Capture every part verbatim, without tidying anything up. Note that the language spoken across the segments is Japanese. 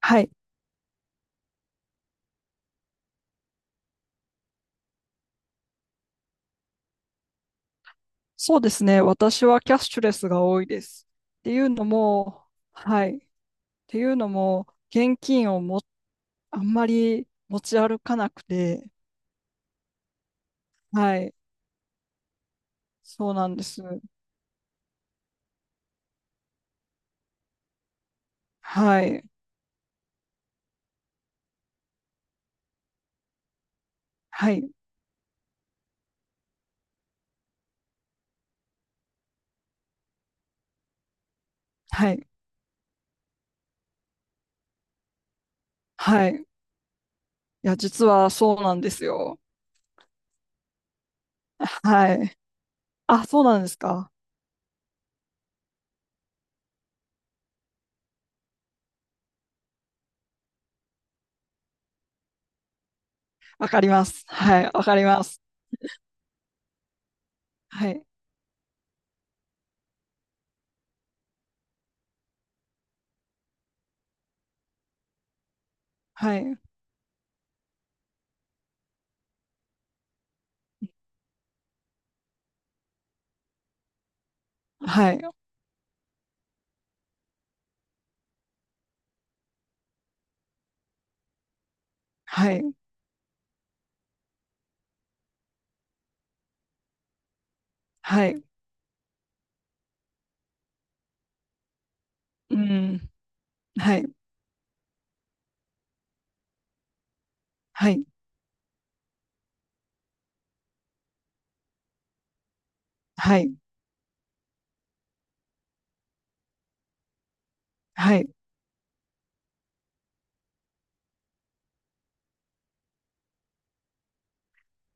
はい。そうですね。私はキャッシュレスが多いです。っていうのも、はい。っていうのも、現金をも、あんまり持ち歩かなくて、はい。そうなんです。はい。はい。はい。はい。いや、実はそうなんですよ。はい。あ、そうなんですか。わかります。はい。わかります。はい。はい。はい。はい。はい。うん。はい。はい。はい。はい。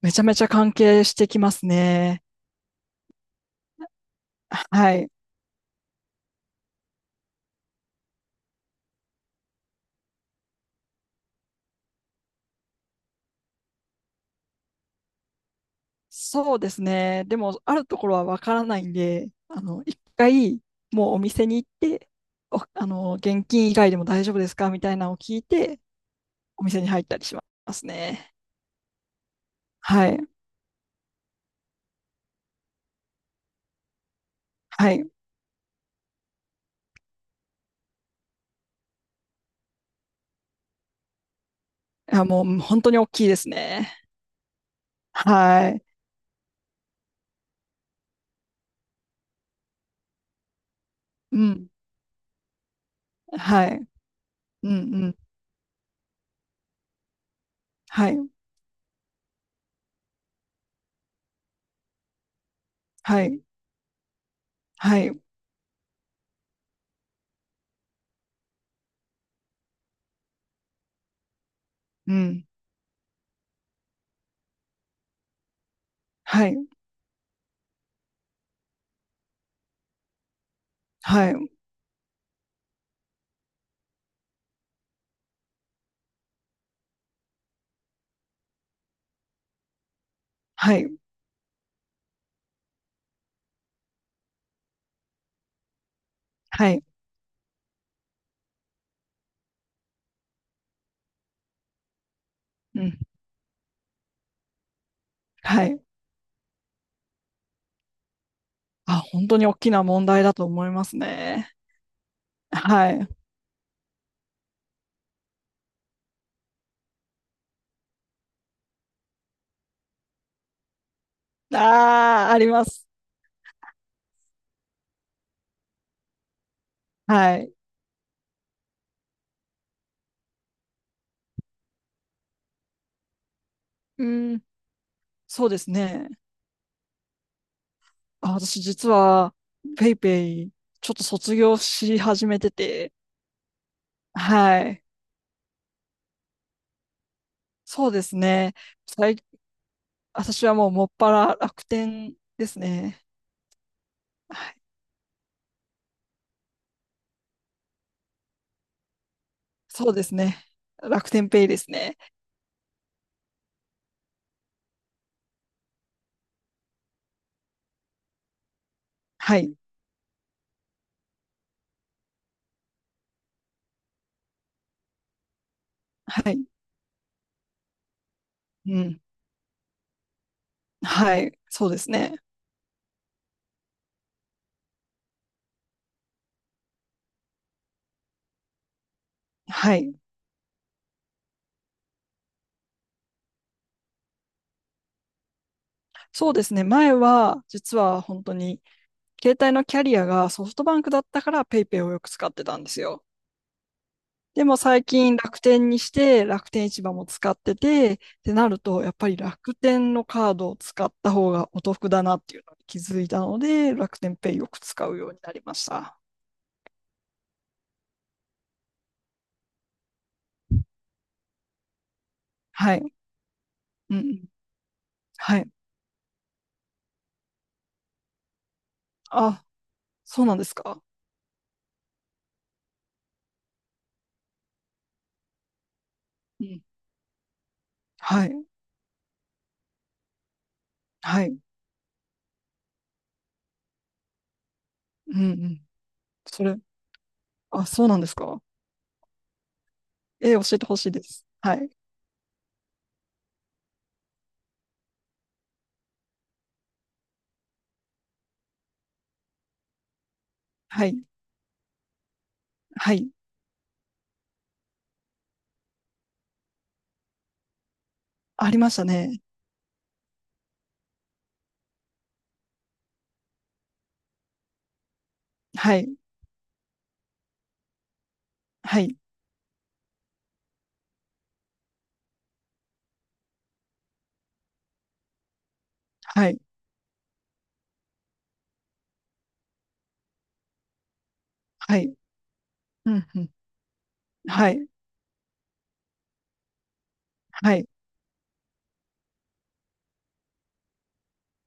めちゃめちゃ関係してきますね。はい。そうですね。でも、あるところはわからないんで、あの、一回、もうお店に行って、お、あの、現金以外でも大丈夫ですかみたいなのを聞いて、お店に入ったりしますね。はい。はい。あ、もう、本当に大きいですね。はい。うん。はい。うん、うん。はい。はい。はい。うん。はい。はい。はい。はい。うん。はい。あ、本当に大きな問題だと思いますね。はい。ああ、あります。はい。うん、そうですね。あ、私実は、ペイペイ、ちょっと卒業し始めてて、はい。そうですね。最私はもうもっぱら楽天ですね。はい。そうですね。楽天ペイですね。はい。はい。うん。はい。そうですね。はい。そうですね。前は、実は本当に、携帯のキャリアがソフトバンクだったからペイペイをよく使ってたんですよ。でも最近楽天にして楽天市場も使っててってなるとやっぱり楽天のカードを使った方がお得だなっていうのに気づいたので楽天ペイよく使うようになりました。はい。うんうん。はい。あ、そうなんですか。うん。はい。はい。うんうん。それ、あ、そうなんですか。えー、教えてほしいです。はい。はい。はい。ありましたね。はい。はい。はい。はい。うんうん。はい。はい。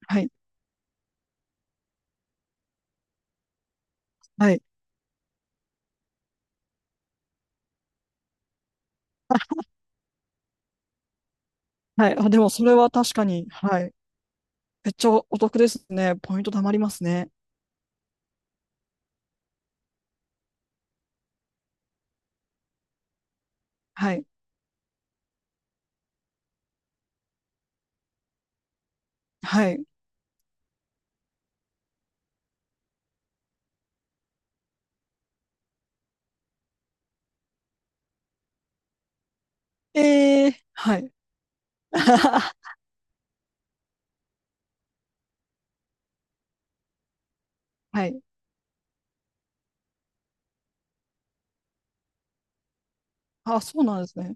はい。はい。はい。あ、でもそれは確かに、はい。めっちゃお得ですね。ポイント貯まりますね。はい。はい。えー、はい。はい。あ、そうなんですね。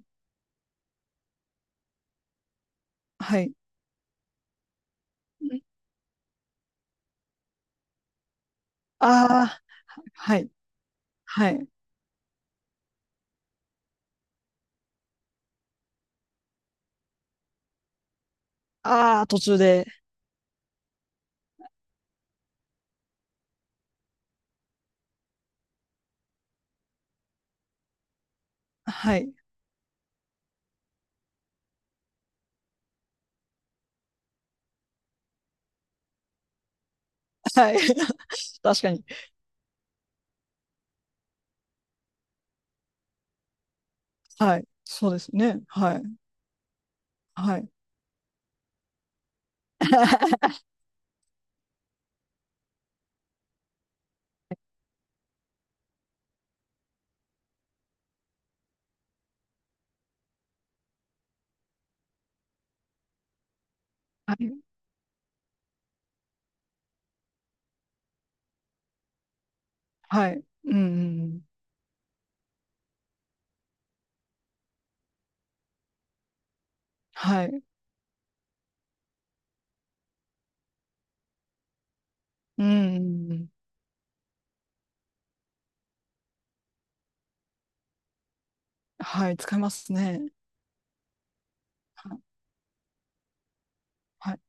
はい。ああー、はい。はい。ああ、途中で。はい。はい。確かに。はい。そうですね。はい。はい。はい。はい。うんうんうん。はい。うんうんうん。はい。使いますね。はい。はい。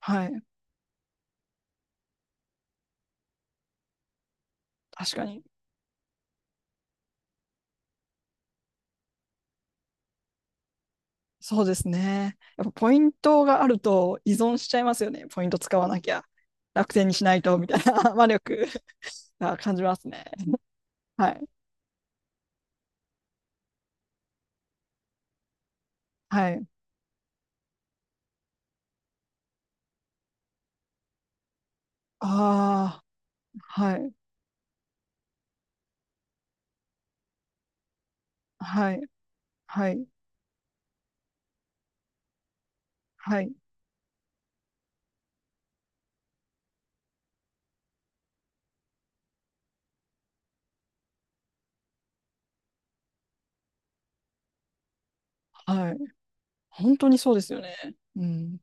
はい。確かに。そうですね。やっぱポイントがあると依存しちゃいますよね。ポイント使わなきゃ。楽天にしないと、みたいな 魔力が感じますね。はい。はい。ああ、はい。はい。はい。はい。はい。本当にそうですよね。うん。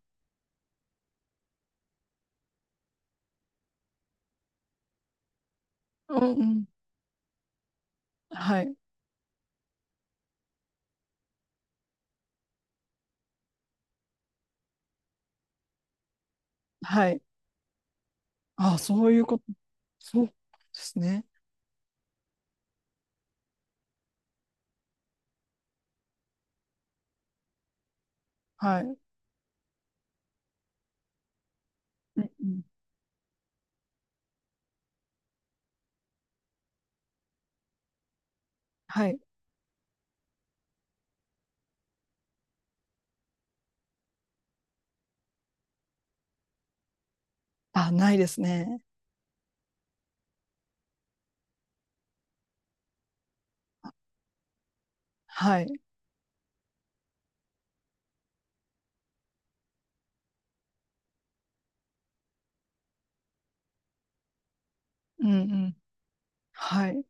うんうん。はい。はい。ああ、そういうこと。そうですね。はい。うんうん。はい。あ、ないですね。はい。うんうん。はい。